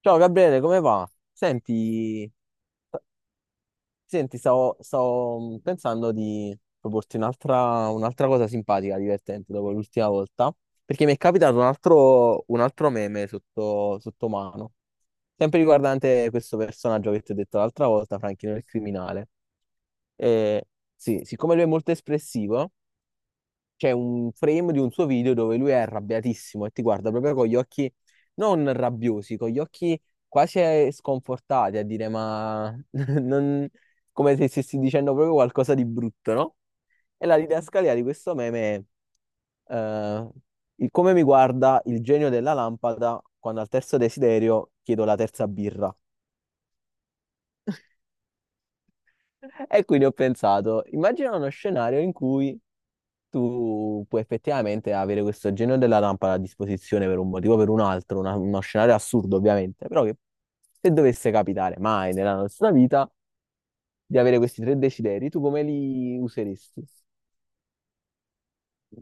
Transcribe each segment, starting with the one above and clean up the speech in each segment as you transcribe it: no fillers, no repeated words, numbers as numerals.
Ciao Gabriele, come va? Senti, senti, stavo pensando di proporti un'altra cosa simpatica, divertente dopo l'ultima volta, perché mi è capitato un altro meme sotto mano, sempre riguardante questo personaggio che ti ho detto l'altra volta, Franchino il criminale. E, sì, siccome lui è molto espressivo, c'è un frame di un suo video dove lui è arrabbiatissimo e ti guarda proprio con gli occhi non rabbiosi, con gli occhi quasi sconfortati a dire ma non- come se stessi dicendo proprio qualcosa di brutto, no? E la didascalia di questo meme è il come mi guarda il genio della lampada quando al terzo desiderio chiedo la terza birra. E quindi ho pensato, immagina uno scenario in cui tu puoi effettivamente avere questo genio della lampada a disposizione per un motivo o per un altro, uno scenario assurdo ovviamente, però che se dovesse capitare mai nella nostra vita di avere questi tre desideri, tu come li useresti?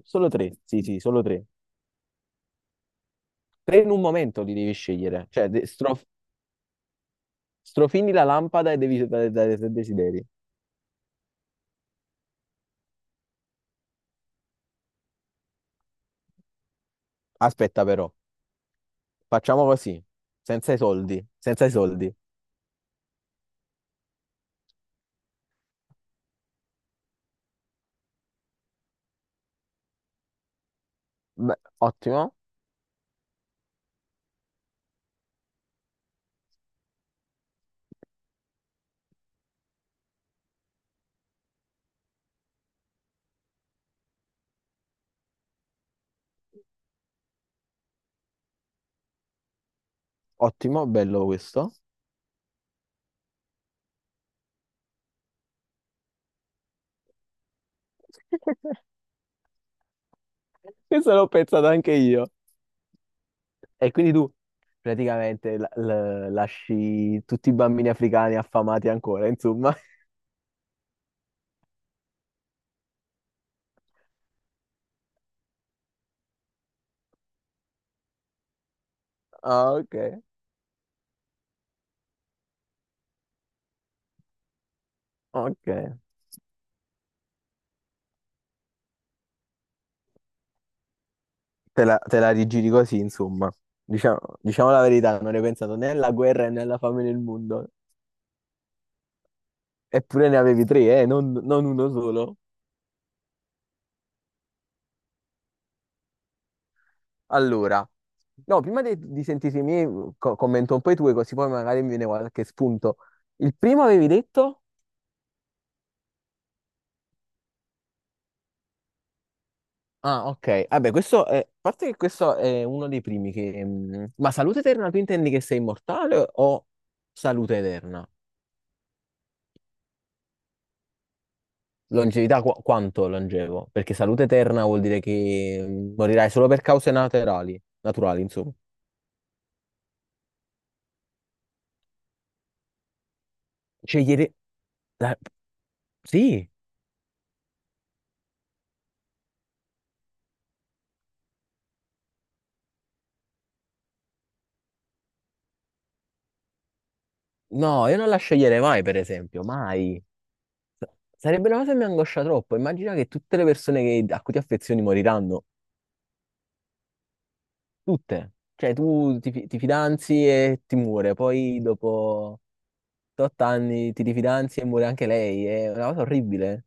Solo tre, sì, sì, solo tre. Tre in un momento li devi scegliere, cioè strofini la lampada e devi dare tre desideri. Aspetta però, facciamo così, senza i soldi, senza i soldi. Beh, ottimo, ottimo, bello questo. Questo l'ho pensato anche io. E quindi tu praticamente lasci tutti i bambini africani affamati ancora, insomma. Ah, ok, ok. Te la rigiri così, insomma. Diciamo la verità, non hai pensato né alla guerra né alla fame nel mondo. Eppure ne avevi tre, non uno solo. Allora, no, prima di sentire i miei, commento un po' i tuoi, così poi magari mi viene qualche spunto. Il primo avevi detto? Ah, ok. Vabbè, questo è. A parte che questo è uno dei primi che. Ma salute eterna, tu intendi che sei immortale o salute eterna? Longevità, quanto longevo? Perché salute eterna vuol dire che morirai solo per cause naturali, naturali, insomma. Scegliere. la- Sì, no, io non la sceglierei mai, per esempio, mai. S- Sarebbe una cosa che mi angoscia troppo. Immagina che tutte le persone a cui ti affezioni moriranno, tutte. Cioè, tu ti fidanzi e ti muore, poi dopo 8 anni, ti rifidanzi e muore anche lei, è una cosa orribile.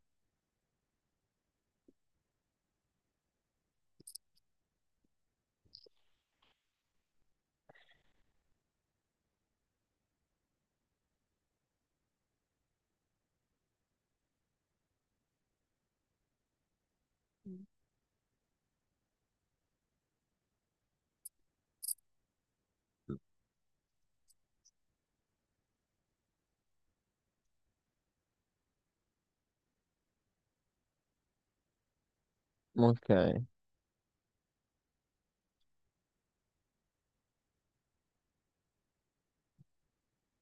Ok,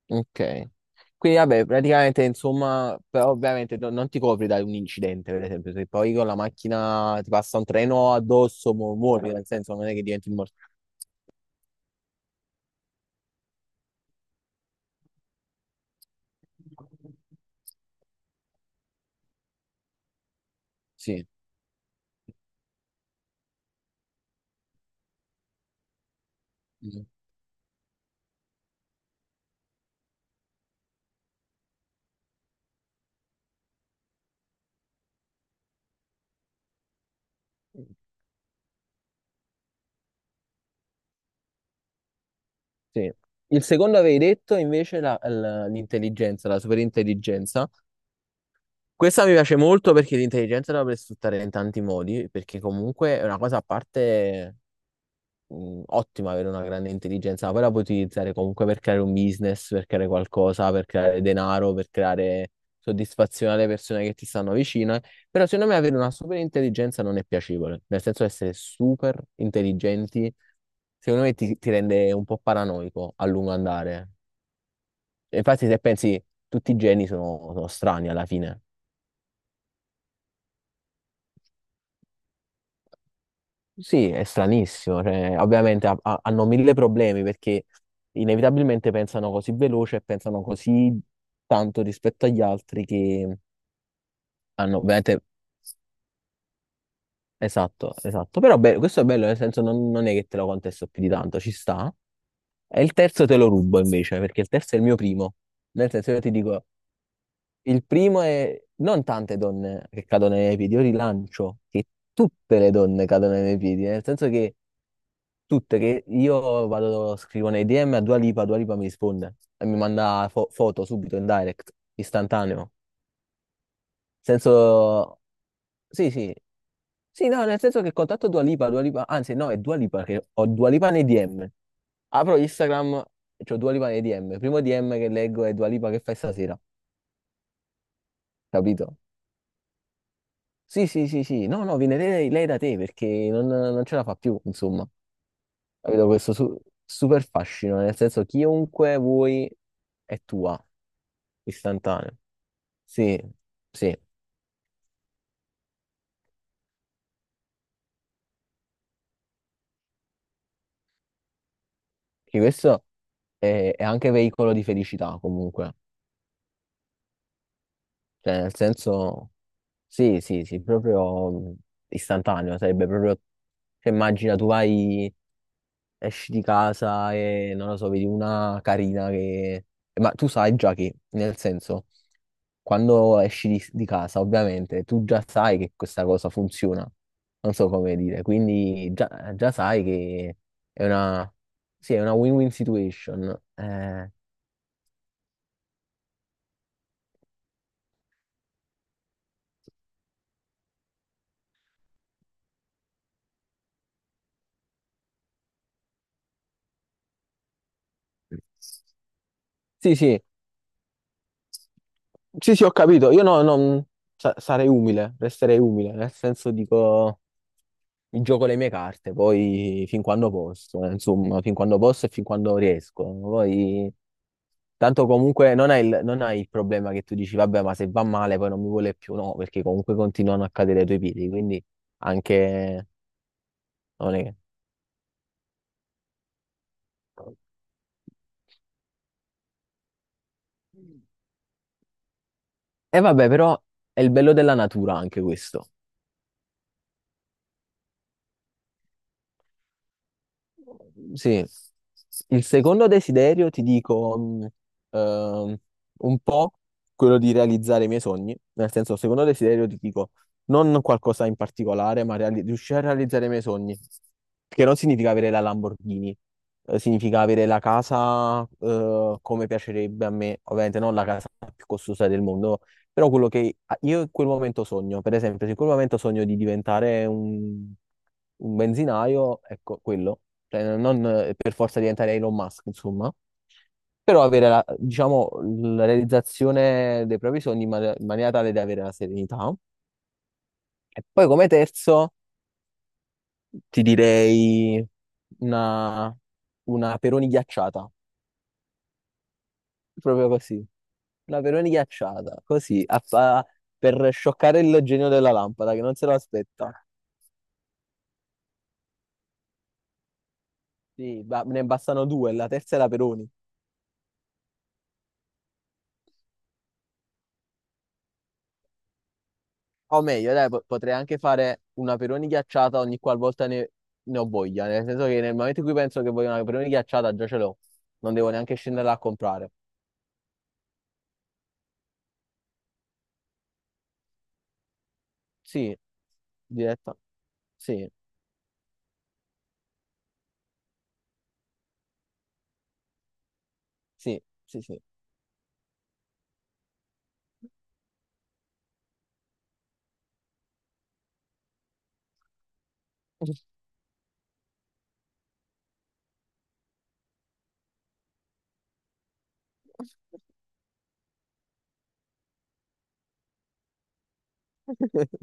ok. Quindi vabbè, praticamente insomma, però ovviamente non ti copri da un incidente, per esempio, se poi con la macchina ti passa un treno addosso, muori, nel senso non è che diventi immortale. Sì. Mm. Sì. Il secondo avevi detto invece l'intelligenza, la superintelligenza. Questa mi piace molto perché l'intelligenza la puoi sfruttare in tanti modi, perché comunque è una cosa a parte ottimo avere una grande intelligenza, ma poi la puoi utilizzare comunque per creare un business, per creare qualcosa, per creare denaro, per creare soddisfazione alle persone che ti stanno vicine. Però secondo me avere una super intelligenza non è piacevole, nel senso essere super intelligenti, secondo me ti rende un po' paranoico a lungo andare. E infatti se pensi, tutti i geni sono strani alla fine. Sì, è stranissimo, cioè, ovviamente hanno mille problemi perché inevitabilmente pensano così veloce e pensano così tanto rispetto agli altri che hanno veramente. Esatto, esatto. Però beh, questo è bello, nel senso non è che te lo contesto più di tanto, ci sta. E il terzo te lo rubo invece, perché il terzo è il mio primo. Nel senso io ti dico, il primo è non tante donne che cadono nei miei piedi, io rilancio che tutte le donne cadono nei miei piedi, nel senso che. Tutte che io vado, scrivo nei DM a Dua Lipa, Dua Lipa mi risponde e mi manda foto subito in direct, istantaneo. Senso, sì, sì, sì, no, nel senso che contatto Dua Lipa, Dua Lipa, anzi, no, è Dua Lipa che ho Dua Lipa nei DM. Apro Instagram, c'ho Dua Lipa nei DM. Primo DM che leggo è Dua Lipa che fai stasera, capito? Sì, sì, sì, sì, no, no, viene lei, da te perché non ce la fa più, insomma, capito? Questo super fascino, nel senso, chiunque vuoi è tua. Istantaneo. Sì, sì. Sì, questo è anche veicolo di felicità comunque. Cioè, nel senso, sì, sì, sì, proprio istantaneo. Sarebbe proprio, cioè, immagina tu vai esci di casa e non lo so, vedi una carina che. Ma tu sai già che, nel senso, quando esci di casa, ovviamente, tu già sai che questa cosa funziona. Non so come dire, quindi già sai che è una, sì, è una win-win situation. Sì, sì, sì, sì, ho capito. Io no, non sarei umile, resterei umile, nel senso dico. Mi gioco le mie carte, poi fin quando posso, insomma, fin quando posso e fin quando riesco. Poi, tanto comunque non hai il problema che tu dici, vabbè, ma se va male poi non mi vuole più, no, perché comunque continuano a cadere i tuoi piedi, quindi anche. Non è. E vabbè, però è il bello della natura anche questo. Sì. Il secondo desiderio, ti dico, ehm, un po' quello di realizzare i miei sogni. Nel senso, il secondo desiderio, ti dico, non qualcosa in particolare, ma riuscire a realizzare i miei sogni. Che non significa avere la Lamborghini, significa avere la casa, come piacerebbe a me. Ovviamente non la casa più costosa del mondo, però quello che io in quel momento sogno. Per esempio, se in quel momento sogno di diventare un benzinaio, ecco, quello cioè non per forza diventare Elon Musk, insomma, però avere la, diciamo, la realizzazione dei propri sogni in, in maniera tale da avere la serenità. E poi come terzo ti direi una, una Peroni ghiacciata, proprio così, una Peroni ghiacciata, così, per scioccare il genio della lampada che non se lo aspetta. Sì, ne bastano due, la terza è la Peroni. O meglio, dai, potrei anche fare una peroni ghiacciata ogni qualvolta ne ho voglia, nel senso che nel momento in cui penso che voglio una peroni ghiacciata già ce l'ho, non devo neanche scendere a comprare. Sì, diretta. Sì, sì, sì, sì,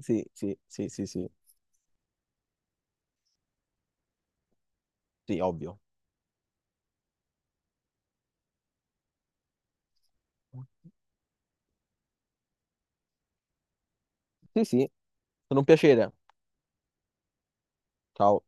sì, sì, sì, sì, sì, sì, ovvio. Sì, sì, sono un piacere. Ciao.